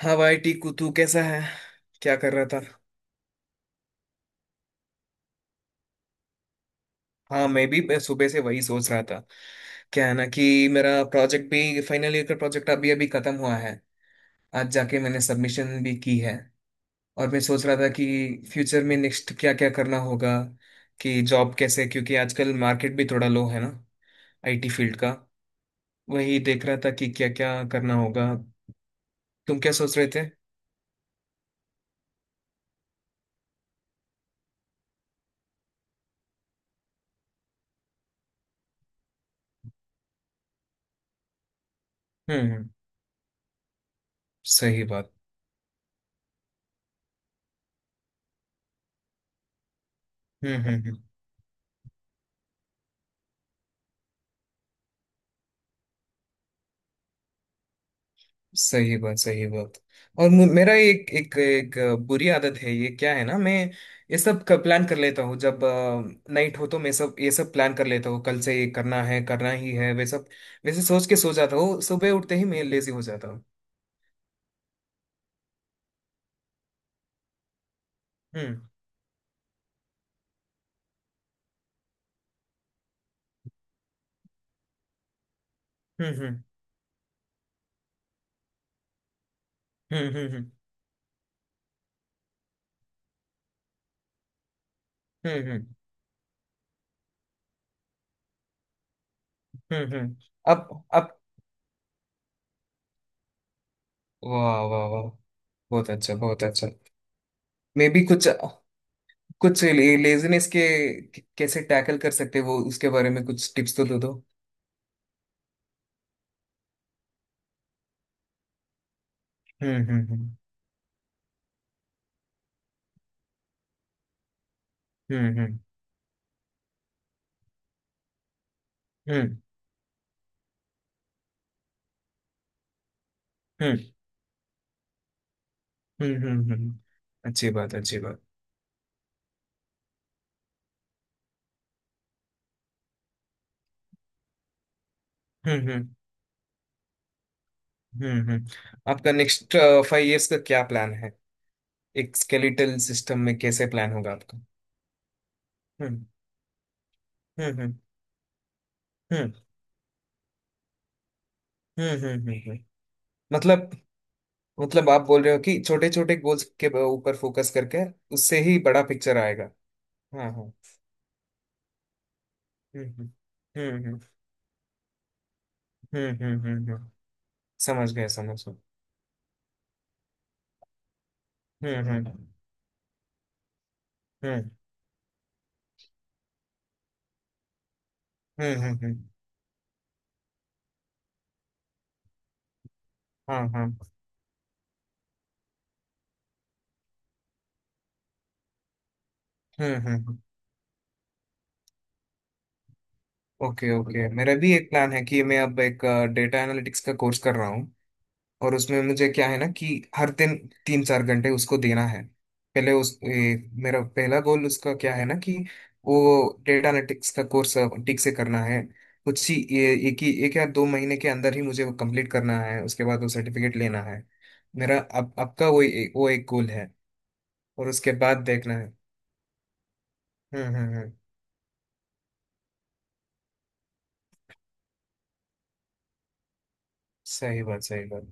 हाँ भाई टीकू, तू कैसा है? क्या कर रहा था? हाँ, मैं भी। मैं सुबह से वही सोच रहा था। क्या है ना कि मेरा प्रोजेक्ट भी, फाइनल ईयर का प्रोजेक्ट अभी अभी खत्म हुआ है। आज जाके मैंने सबमिशन भी की है। और मैं सोच रहा था कि फ्यूचर में नेक्स्ट क्या क्या करना होगा, कि जॉब कैसे, क्योंकि आजकल मार्केट भी थोड़ा लो है ना, आईटी फील्ड का। वही देख रहा था कि क्या क्या करना होगा। तुम क्या सोच रहे थे? हम्म, हम्म। सही बात। हम्म, हम्म, सही बात। सही बात। और मेरा एक एक एक बुरी आदत है, ये क्या है ना, मैं ये सब का प्लान कर लेता हूँ। जब नाइट हो तो मैं सब, ये सब प्लान कर लेता हूँ, कल से ये करना है, करना ही है, वे सब वैसे सोच के सो जाता हूँ। सुबह उठते ही मैं लेजी हो जाता हूँ। हम्म, हम्म, हम्म, हम्म, हम्म, हम्म, हम्म, हम्म, हम्म। अब, वाह वाह वाह, बहुत अच्छा, बहुत अच्छा। मे भी कुछ, कुछ लेजीनेस के कैसे टैकल कर सकते हैं, वो उसके बारे में कुछ टिप्स तो दे दो। हम्म, हम्म, हम्म, हम्म, हम्म, हम्म, हम्म, हम्म, हम्म, हम्म। अच्छी बात। अच्छी बात। हम्म, हम्म, हम्म, हम्म। आपका नेक्स्ट फाइव इयर्स का क्या प्लान है? एक स्केलेटल सिस्टम में कैसे प्लान होगा आपका? हम्म, हम्म, हम्म, हम्म, हम्म, हम्म, हम्म। हम्म। मतलब मतलब आप बोल रहे हो कि छोटे छोटे गोल्स के ऊपर फोकस करके उससे ही बड़ा पिक्चर आएगा। हाँ, हाँ। हम्म, हम्म, हम्म, हम्म, हम्म, हम्म, हम्म। हम्म। समझ गया। समझ गया। हम्म, हम्म, हम्म, हम्म, हम्म, हम्म। हाँ, हाँ। हम्म, हम्म, ओके, ओके, मेरा भी एक प्लान है कि मैं अब एक डेटा एनालिटिक्स का कोर्स कर रहा हूँ। और उसमें मुझे क्या है ना कि हर दिन 3-4 घंटे उसको देना है। पहले उस मेरा पहला गोल उसका क्या है ना कि वो डेटा एनालिटिक्स का कोर्स ठीक से करना है। कुछ ही एक ही एक या दो महीने के अंदर ही मुझे वो कंप्लीट करना है, उसके बाद वो सर्टिफिकेट लेना है। मेरा अब आपका वो वो एक गोल है। और उसके बाद देखना है। हम्म, हम्म, हम्म। सही बात। सही बात।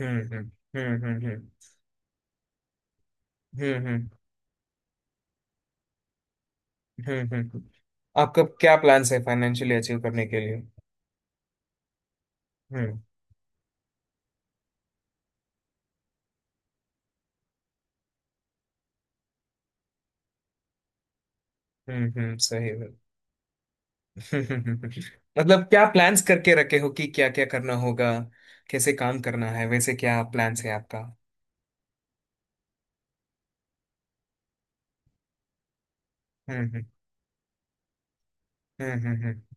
हम्म, हम्म, हम्म, हम्म, हम्म, हम्म, हम्म, हम्म, हम्म, आपका क्या प्लान्स है फाइनेंशियली अचीव करने के लिए? हम्म, हम्म, हम्म। सही है। मतलब क्या प्लान्स करके रखे हो कि क्या क्या करना होगा, कैसे काम करना है, वैसे क्या प्लान्स है आपका? हम्म, हम्म, हम्म, हम्म, हम्म।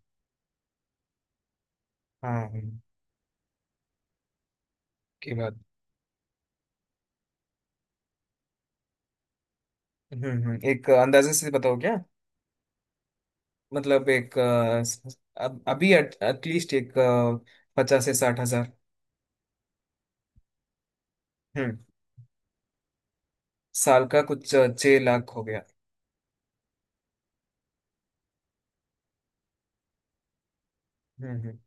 हाँ, हम्म। की बात। हम्म, हम्म, एक अंदाजे से बताओ क्या? मतलब एक अब अभी एटलीस्ट एक 50 से 60 हजार। हम्म। साल का कुछ 6 लाख हो गया। हम्म, हम्म,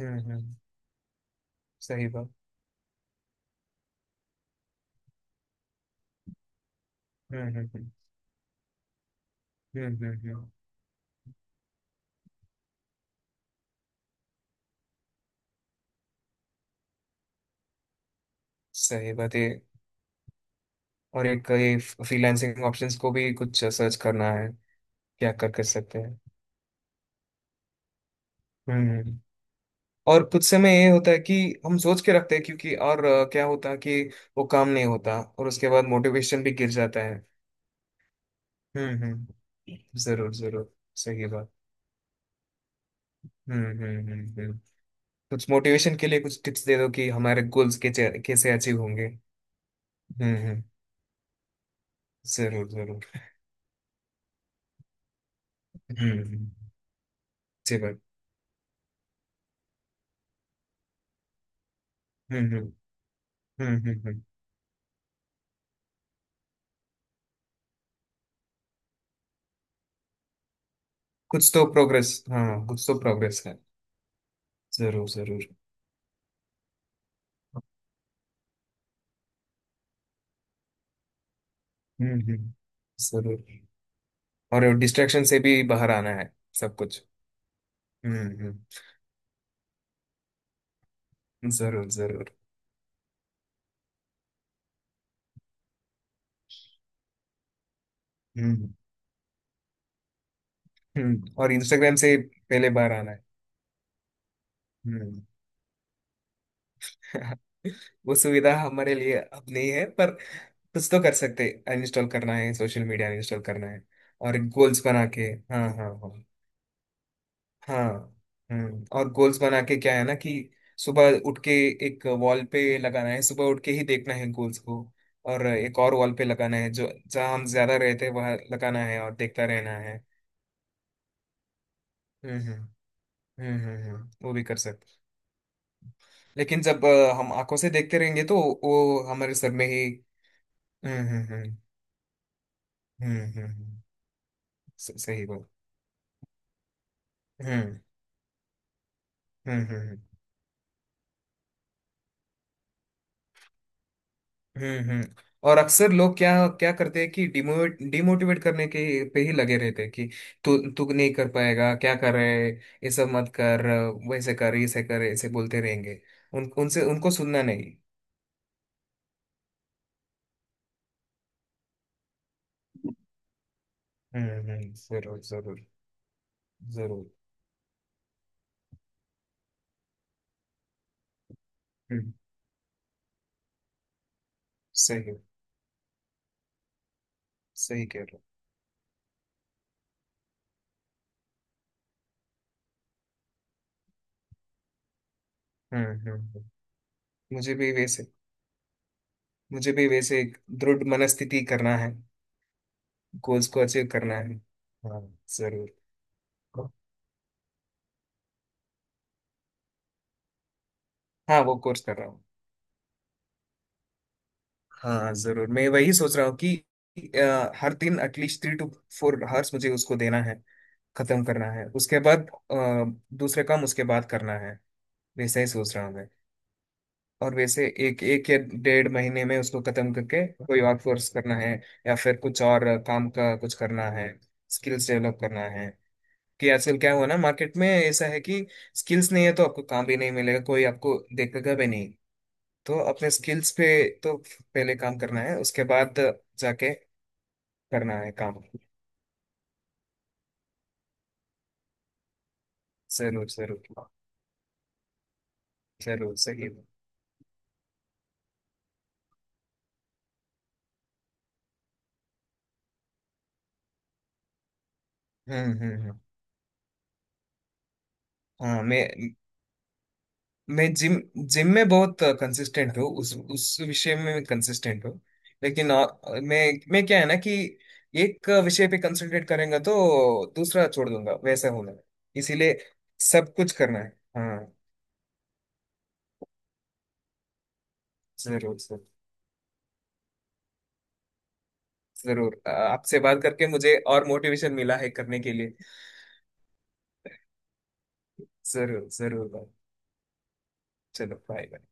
हम्म, हम्म। सही बात। हम्म, हम्म, हम्म, हम्म, हम्म। सही बात है। और एक ये फ्रीलांसिंग ऑप्शंस को भी कुछ सर्च करना है। क्या कर कर सकते हैं? हम्म। और कुछ समय ये होता है कि हम सोच के रखते हैं, क्योंकि और क्या होता है कि वो काम नहीं होता और उसके बाद मोटिवेशन भी गिर जाता है। हम्म, हम्म, जरूर, जरूर। सही बात। हम्म, हम्म, हम्म, कुछ मोटिवेशन के लिए कुछ टिप्स दे दो कि हमारे गोल्स के कैसे अचीव होंगे? हम्म, हम्म। जरूर, जरूर। हम्म, हम्म। अच्छी बात। हम्म, हम्म, हम्म, हम्म, कुछ तो प्रोग्रेस, हाँ, कुछ तो प्रोग्रेस है। जरूर, जरूर। हम्म, हम्म। जरूर। और डिस्ट्रैक्शन से भी बाहर आना है। सब कुछ। हम्म, हम्म। जरूर, जरूर। हम्म, हम्म। और इंस्टाग्राम से पहले बाहर आना है। हम्म। वो सुविधा हमारे लिए अब नहीं है, पर कुछ तो कर सकते, अनइंस्टॉल करना है, सोशल मीडिया अनइंस्टॉल करना है और गोल्स बना के। हाँ, हाँ, हाँ। हाँ। हम्म, और गोल्स बना के क्या है ना कि सुबह उठ के एक वॉल पे लगाना है, सुबह उठ के ही देखना है गोल्स को। और एक और वॉल पे लगाना है जो जहाँ हम ज्यादा रहते हैं वहाँ लगाना है और देखता रहना है। हम्म, हम्म, हम्म, हम्म, हम्म। वो भी कर सकते हैं। लेकिन जब हम आंखों से देखते रहेंगे तो वो हमारे सर में ही। हम्म, हम्म, हम्म, हम्म, हम्म, सही बात। हम्म, हम्म, हम्म, हम्म, हम्म। और अक्सर लोग क्या क्या करते हैं कि डिमोटिवेट डिमोटिवेट करने के पे ही लगे रहते हैं कि तू तू नहीं कर पाएगा, क्या कर रहे है, ये सब मत कर, वैसे कर, ऐसे कर, ऐसे बोलते रहेंगे। उन उनसे उनको सुनना नहीं। हम्म, हम्म। जरूर, जरूर, जरूर। हम्म। सही है, सही कह रहे हो। हम्म, हम्म, मुझे भी वैसे मुझे भी वैसे एक दृढ़ मनस्थिति करना है, गोल्स को अचीव करना है। हाँ। जरूर। हाँ, वो कोर्स कर रहा हूँ। हाँ, जरूर, मैं वही सोच रहा हूँ कि हर दिन एटलीस्ट 3 to 4 आवर्स मुझे उसको देना है, खत्म करना है, उसके बाद दूसरे काम उसके बाद करना है, वैसा ही सोच रहा हूँ मैं। और वैसे एक एक या डेढ़ महीने में उसको खत्म करके कोई आउटसोर्स करना है या फिर कुछ और काम का कुछ करना है, स्किल्स डेवलप करना है कि आजकल क्या हुआ ना मार्केट में ऐसा है कि स्किल्स नहीं है तो आपको काम भी नहीं मिलेगा, कोई आपको देखेगा भी नहीं। तो अपने स्किल्स पे तो पहले काम करना है उसके बाद जाके करना है काम। जरूर, जरूर, जरूर। सही है। हम्म, हम्म, हाँ, मैं जिम जिम में बहुत कंसिस्टेंट हूँ, उस विषय में मैं कंसिस्टेंट हूँ। लेकिन मैं क्या है ना कि एक विषय पे कंसंट्रेट करेंगे तो दूसरा छोड़ दूंगा वैसा होना है। इसीलिए सब कुछ करना है। हाँ। जरूर, जरूर, जरूर, आपसे बात करके मुझे और मोटिवेशन मिला है करने के लिए। जरूर, जरूर, भाई। चलो, बाय बाय।